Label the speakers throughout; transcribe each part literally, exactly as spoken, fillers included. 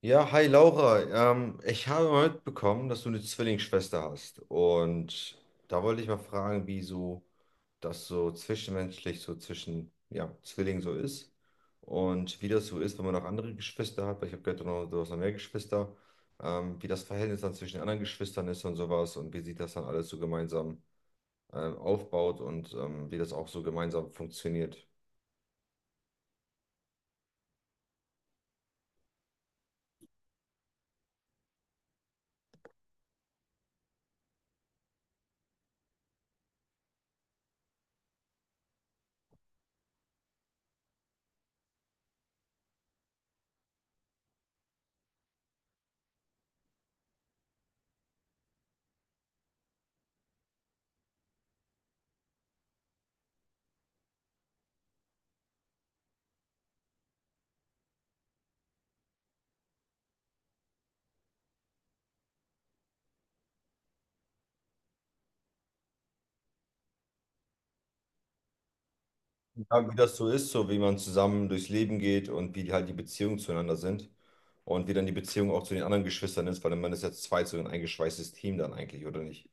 Speaker 1: Ja, hi Laura. Ähm, ich habe mal mitbekommen, dass du eine Zwillingsschwester hast. Und da wollte ich mal fragen, wie so das so zwischenmenschlich, so zwischen ja, Zwillingen so ist. Und wie das so ist, wenn man noch andere Geschwister hat. Weil ich habe gehört, du, noch- du hast noch mehr Geschwister. Ähm, wie das Verhältnis dann zwischen den anderen Geschwistern ist und sowas. Und wie sich das dann alles so gemeinsam ähm, aufbaut und ähm, wie das auch so gemeinsam funktioniert. Ja, wie das so ist, so wie man zusammen durchs Leben geht und wie die halt die Beziehungen zueinander sind und wie dann die Beziehung auch zu den anderen Geschwistern ist, weil man ist ja zu zweit so ein eingeschweißtes Team dann eigentlich, oder nicht?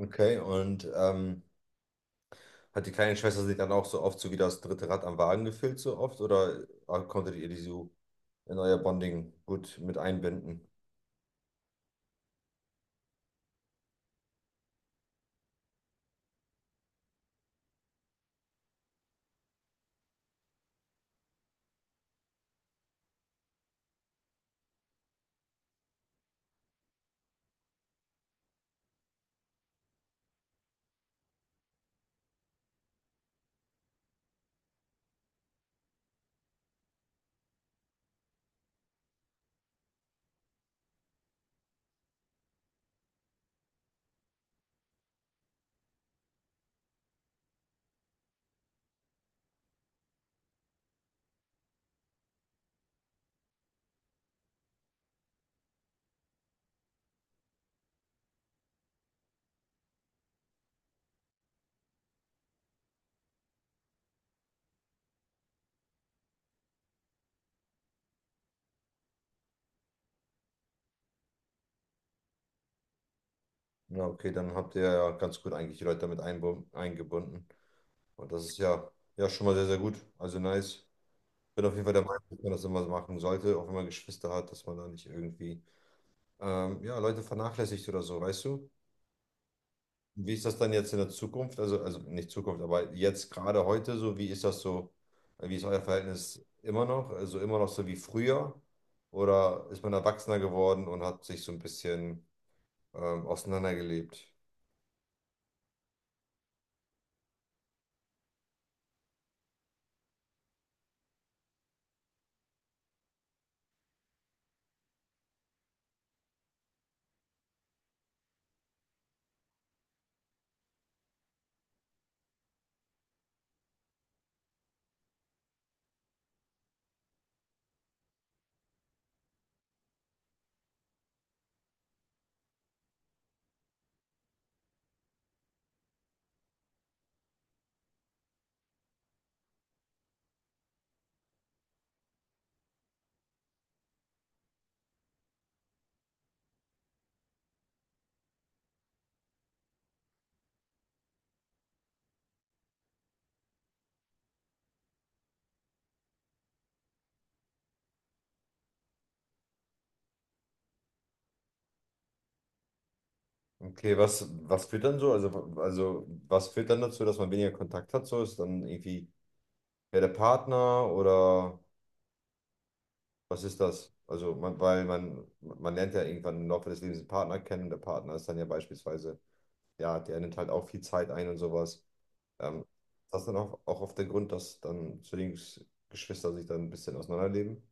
Speaker 1: Okay, und ähm, hat die kleine Schwester sich dann auch so oft so wie das dritte Rad am Wagen gefühlt, so oft, oder ah, konntet ihr die so in euer Bonding gut mit einbinden? Ja, okay, dann habt ihr ja ganz gut eigentlich die Leute damit einbu- eingebunden und das ist ja, ja schon mal sehr, sehr gut, also nice. Bin auf jeden Fall der Meinung, dass man das immer so machen sollte, auch wenn man Geschwister hat, dass man da nicht irgendwie ähm, ja, Leute vernachlässigt oder so, weißt du? Wie ist das dann jetzt in der Zukunft? Also, also nicht Zukunft, aber jetzt gerade heute so, wie ist das so? Wie ist euer Verhältnis immer noch? Also immer noch so wie früher? Oder ist man erwachsener geworden und hat sich so ein bisschen ähm, auseinandergelebt? Okay, was, was führt dann so? Also, w- also was führt dann dazu, dass man weniger Kontakt hat? So ist dann irgendwie ja, der Partner oder was ist das? Also, man, weil man, man lernt ja irgendwann im Laufe des Lebens einen Partner kennen und der Partner ist dann ja beispielsweise, ja, der nimmt halt auch viel Zeit ein und sowas. Ähm, ist das dann auch, auch auf der Grund, dass dann Zwillingsgeschwister sich dann ein bisschen auseinanderleben?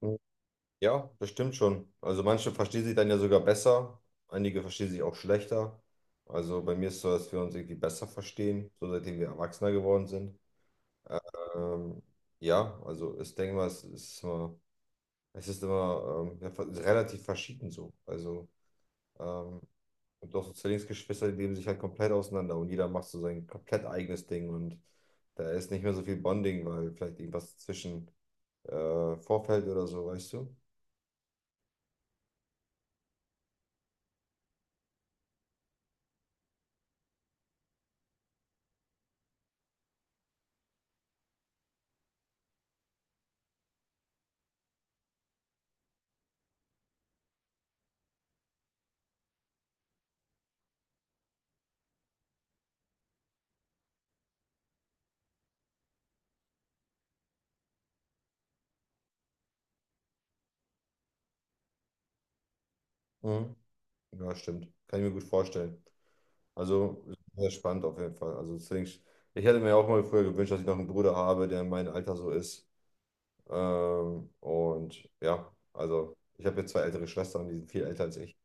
Speaker 1: Mhm. Ja, das stimmt schon. Also manche verstehen sich dann ja sogar besser, einige verstehen sich auch schlechter. Also bei mir ist es so, dass wir uns irgendwie besser verstehen, so seitdem wir Erwachsener geworden sind. Ähm, ja, also ich denke mal, es ist immer es ist immer ähm, ja, ver- relativ verschieden so. Also, ähm, und auch so Zwillingsgeschwister, die leben sich halt komplett auseinander und jeder macht so sein komplett eigenes Ding und da ist nicht mehr so viel Bonding, weil vielleicht irgendwas zwischen äh, vorfällt oder so, weißt du? Mhm. Ja, stimmt. Kann ich mir gut vorstellen. Also, sehr spannend auf jeden Fall. Also, Zwillings ich hätte mir auch mal früher gewünscht, dass ich noch einen Bruder habe, der in meinem Alter so ist. Ähm, und ja, also, ich habe jetzt zwei ältere Schwestern, die sind viel älter als ich.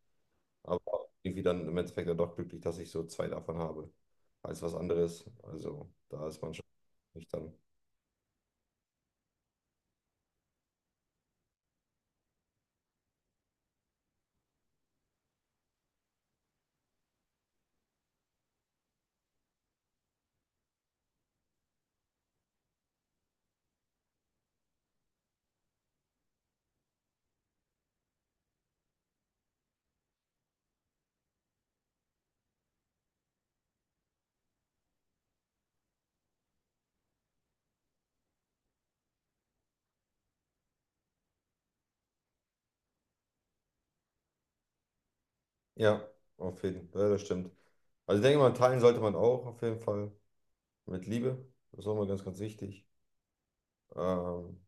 Speaker 1: Aber irgendwie dann im Endeffekt dann doch glücklich, dass ich so zwei davon habe, als was anderes. Also da ist man schon nicht dann. Ja, auf jeden Fall, ja, das stimmt. Also ich denke mal, teilen sollte man auch auf jeden Fall mit Liebe. Das ist auch mal ganz, ganz wichtig. Ähm,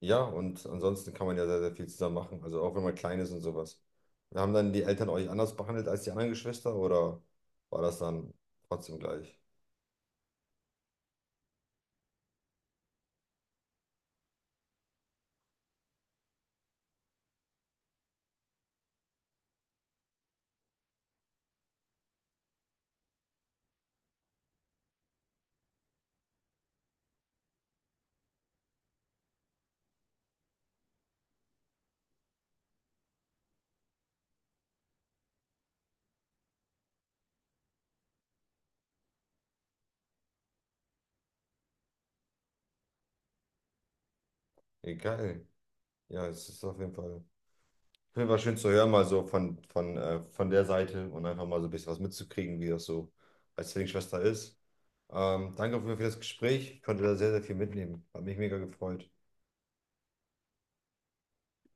Speaker 1: ja, und ansonsten kann man ja sehr, sehr viel zusammen machen. Also auch wenn man klein ist und sowas. Haben dann die Eltern euch anders behandelt als die anderen Geschwister oder war das dann trotzdem gleich? Egal. Ja, es ist auf jeden Fall. Finde war schön zu hören, mal so von, von, äh, von der Seite und einfach mal so ein bisschen was mitzukriegen, wie das so als Zwillingsschwester ist. Ähm, danke auf jeden Fall für das Gespräch. Ich konnte da sehr, sehr viel mitnehmen. Hat mich mega gefreut.